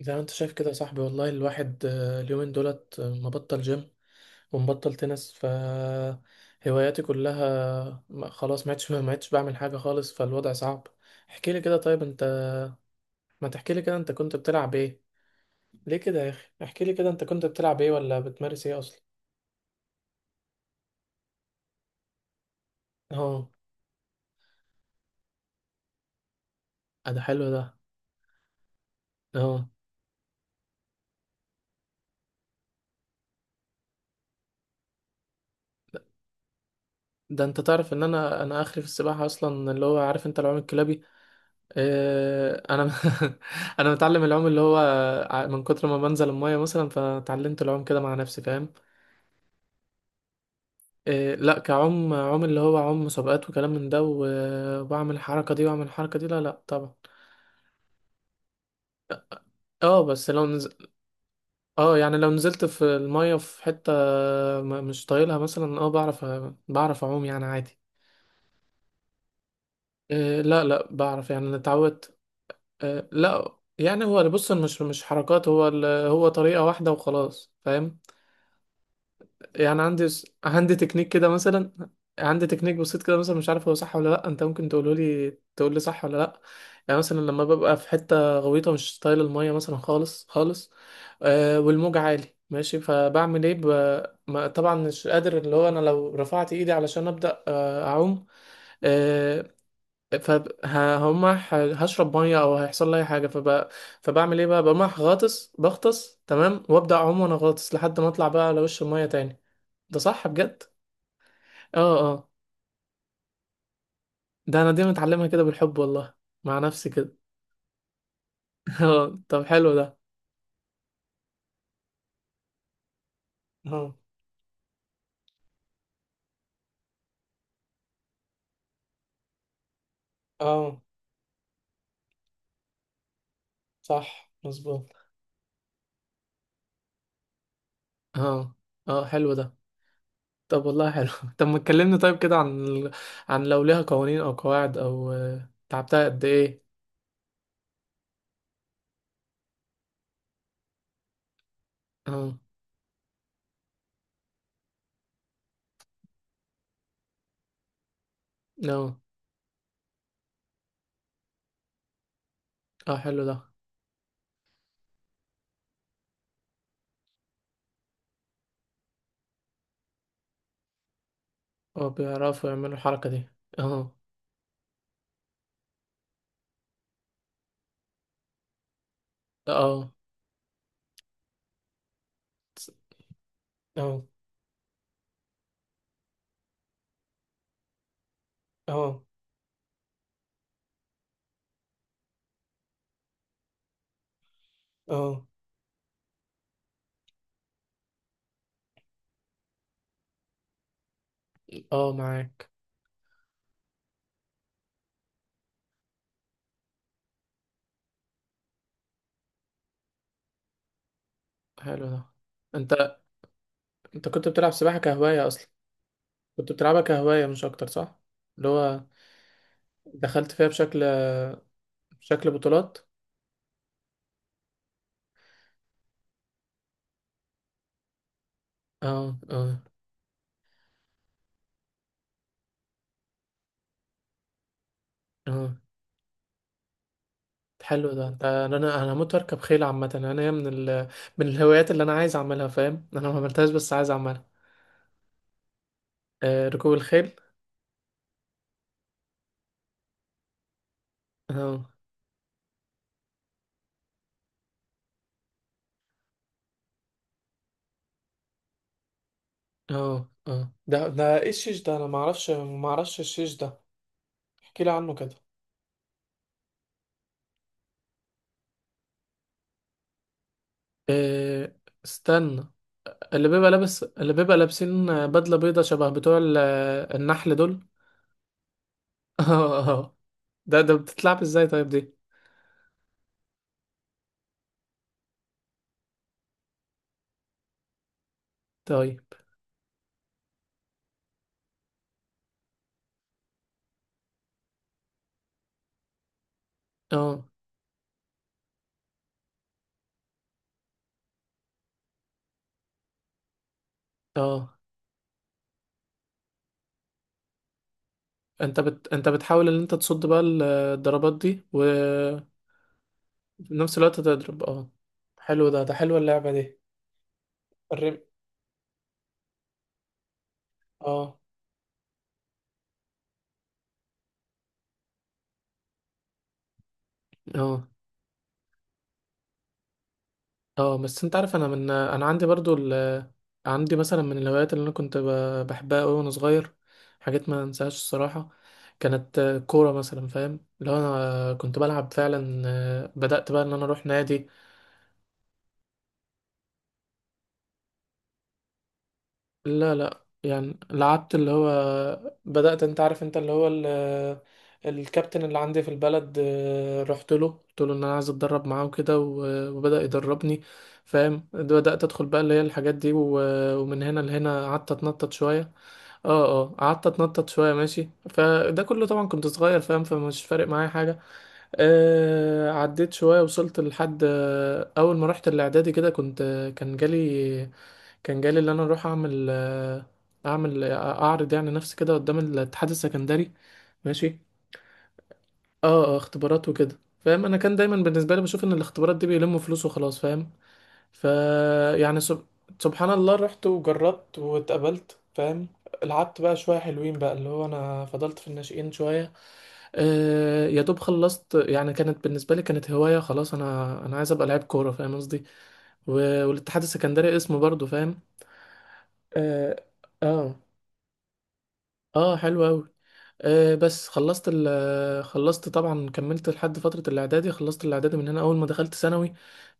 زي ما انت شايف كده يا صاحبي والله الواحد اليومين دولت مبطل جيم ومبطل تنس هواياتي كلها خلاص ما عدتش بعمل حاجة خالص فالوضع صعب. احكي لي كده طيب انت، ما تحكي لي كده انت كنت بتلعب ايه؟ ليه كده يا اخي؟ احكي لي كده انت كنت بتلعب ايه ولا بتمارس ايه اصلا؟ اه. ده حلو ده. اه. ده انت تعرف ان انا اخري في السباحة اصلا، اللي هو عارف انت العوم الكلابي. انا. انا متعلم العوم اللي هو من كتر ما بنزل المايه مثلا فتعلمت العوم كده مع نفسي فاهم. لا كعوم عوم اللي هو عوم مسابقات وكلام من ده واعمل الحركه دي واعمل الحركه دي، لا لا طبعا. اه اه يعني لو نزلت في المايه في حته مش طايلها مثلا، اه بعرف اعوم يعني عادي. لا لا بعرف، يعني أنا اتعودت. لا يعني هو بص، مش حركات، هو هو طريقه واحده وخلاص فاهم. يعني عندي، عندي تكنيك كده مثلا، عندي تكنيك بسيط كده مثلا، مش عارف هو صح ولا لا. انت ممكن تقوله لي، تقول لي صح ولا لا. يعني مثلا لما ببقى في حته غويطه مش طايل الميه مثلا خالص خالص، آه والموج عالي ماشي فبعمل ايه ما طبعا مش قادر. اللي هو انا لو رفعت ايدي علشان ابدا اعوم، آه، فهم، هشرب ميه او هيحصل لي اي حاجه فبعمل ايه بقى؟ بقوم رايح غاطس، بغطس تمام وابدا اعوم وانا غاطس لحد ما اطلع بقى على وش الميه تاني. ده صح بجد. اه اه. ده انا دي متعلمها كده بالحب والله، مع نفسي كده. اه طب حلو ده. اه اه. صح مظبوط. اه اه. حلو ده. طب والله حلو. طب ما تكلمني طيب كده عن عن لو ليها قوانين او قواعد، او تعبتها قد ايه. اه اه اه. حلو ده. اه بيعرفوا يعملوا الحركة دي. اه اه اه اه اه اه معاك. حلو ده. انت، انت كنت بتلعب سباحة كهواية اصلا؟ كنت بتلعبها كهواية مش أكتر صح؟ اللي هو دخلت فيها بشكل، بشكل بطولات. اه اه اه. حلو ده. ده انا هموت واركب خيل عامة. انا هي من من الهوايات اللي انا عايز اعملها فاهم. انا ما عملتهاش بس عايز اعملها. آه ركوب الخيل. اه اه اه. ده ايه الشيش ده؟ انا ما اعرفش الشيش ده. احكي لي عنه كده. آه استنى. اللي بيبقى لابسين بدلة بيضة شبه بتوع النحل دول. ده بتتلعب ازاي طيب دي؟ طيب اه اه. انت انت بتحاول ان انت تصد بقى الضربات دي، وفي نفس الوقت تضرب اه. حلو ده. ده حلوه اللعبه دي. الرم. اه اه اه. بس انت عارف انا، من انا عندي برضو عندي مثلا من الهوايات اللي انا كنت بحبها قوي وانا صغير، حاجات ما انساهاش الصراحه. كانت كوره مثلا فاهم، لو انا كنت بلعب فعلا بدأت بقى ان انا اروح نادي. لا لا يعني لعبت اللي هو، بدأت انت عارف انت اللي هو الكابتن اللي عندي في البلد رحت له قلت له ان انا عايز اتدرب معاه وكده، وبدأ يدربني فاهم. بدأت ادخل بقى اللي هي الحاجات دي ومن هنا لهنا قعدت اتنطط شوية. اه اه، قعدت اتنطط شوية ماشي، فده كله طبعا كنت صغير فاهم، فمش فارق معايا حاجة. آه عديت شوية وصلت لحد اول ما رحت الاعدادي كده كنت، كان جالي كان جالي اللي انا اروح اعمل اعمل اعرض يعني نفسي كده قدام الاتحاد السكندري، ماشي. اه اه اختبارات وكده. فاهم، انا كان دايما بالنسبه لي بشوف ان الاختبارات دي بيلموا فلوس وخلاص فاهم. ف يعني سبحان الله رحت وجربت واتقبلت فاهم. لعبت بقى شويه حلوين بقى، اللي هو انا فضلت في الناشئين شويه. آه يا دوب خلصت يعني، كانت بالنسبه لي كانت هوايه خلاص. انا انا عايز ابقى لعيب كوره فاهم قصدي. و... والاتحاد السكندري اسمه برضو فاهم. اه. آه. اه حلو قوي. آه بس خلصت ال خلصت طبعا، كملت لحد فترة الإعدادي، خلصت الإعدادي، من هنا أول ما دخلت ثانوي،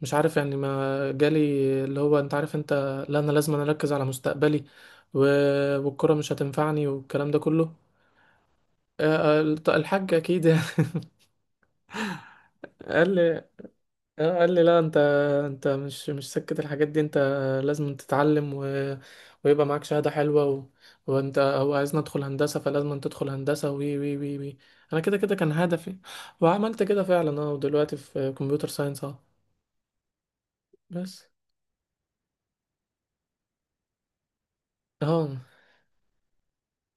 مش عارف يعني ما جالي، اللي هو أنت عارف أنت، لا أنا لازم أنا أركز على مستقبلي، و... والكرة مش هتنفعني والكلام ده كله. آه. الحاج أكيد يعني. قال لي، قال لي لا انت، انت مش سكت الحاجات دي، انت لازم تتعلم ويبقى معاك شهادة حلوة وانت هو عايزني ادخل هندسة، فلازم انت تدخل هندسة، وي وي وي وي. انا كده كده كان هدفي. وعملت كده فعلا اه. ودلوقتي في كمبيوتر ساينس اه. بس اه.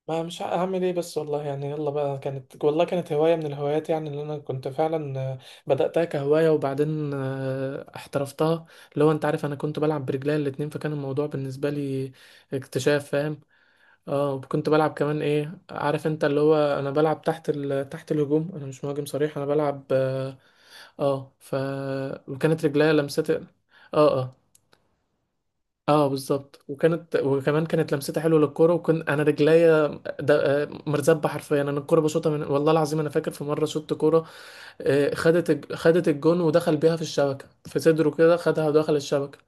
ما مش ع- هعمل ايه بس والله يعني، يلا بقى. كانت والله كانت هواية من الهوايات يعني، اللي انا كنت فعلا بدأتها كهواية وبعدين احترفتها. اللي هو انت عارف، انا كنت بلعب برجلي الاتنين، فكان الموضوع بالنسبة لي اكتشاف فاهم. اه. وكنت بلعب كمان ايه عارف انت، اللي هو انا بلعب تحت تحت الهجوم، انا مش مهاجم صريح، انا بلعب اه. آه، ف وكانت رجليا لمست اه. آه. اه بالظبط، وكانت وكمان كانت لمستها حلوه للكوره، وكنت انا رجليا مرزبه حرفيا. انا الكوره بشوطها من والله العظيم، انا فاكر في مره شوت كوره خدت الجون ودخل بيها في الشبكه، في صدره كده خدها ودخل الشبكه.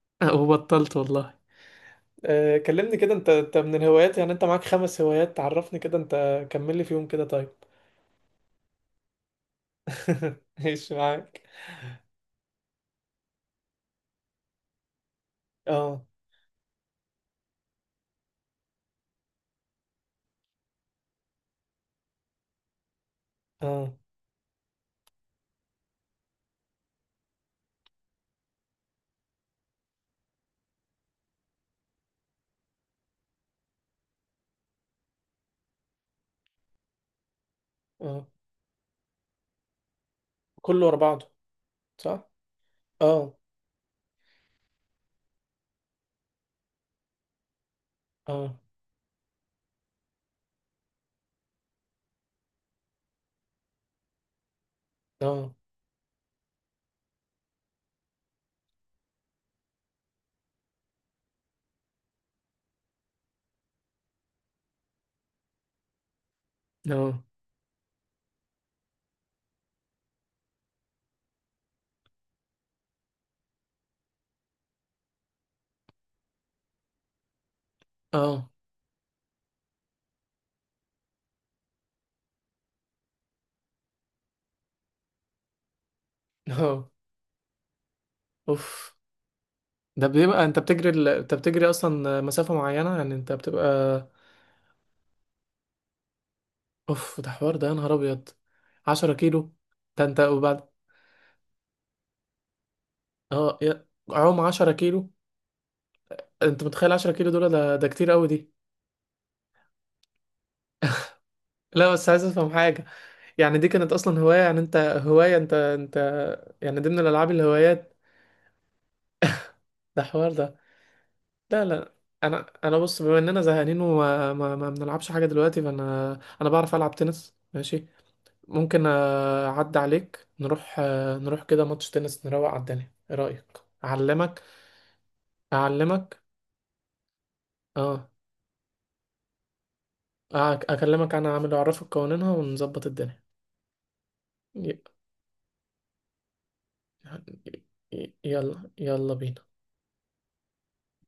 وبطلت والله. كلمني كده انت، انت من الهوايات يعني، انت معاك خمس هوايات، تعرفني كده انت، كمل لي فيهم كده طيب. ايش معاك. اه اه اه كله ورا بعضه. صح. اه اه اه اه اه. اه. اوف. ده بيبقى انت انت بتجري اصلا مسافة معينة يعني، انت بتبقى. اوف ده حوار ده، يا نهار ابيض. 10 كيلو؟ ده انت وبعد. اه عوم 10 كيلو. انت متخيل 10 كيلو دول؟ ده كتير قوي دي. لا بس عايز افهم حاجة، يعني دي كانت اصلا هواية يعني، انت هواية انت يعني، ضمن الالعاب الهوايات. ده حوار ده. لا لا. انا انا بص، بما اننا زهقانين وما ما ما بنلعبش حاجة دلوقتي فانا، انا بعرف العب تنس ماشي. ممكن اعدي عليك نروح، نروح كده ماتش تنس نروق على الدنيا. ايه رأيك؟ اعلمك. اعلمك اه. اكلمك انا، عامل اعرفك قوانينها ونظبط الدنيا. ي- يعني، يلا يلا بينا.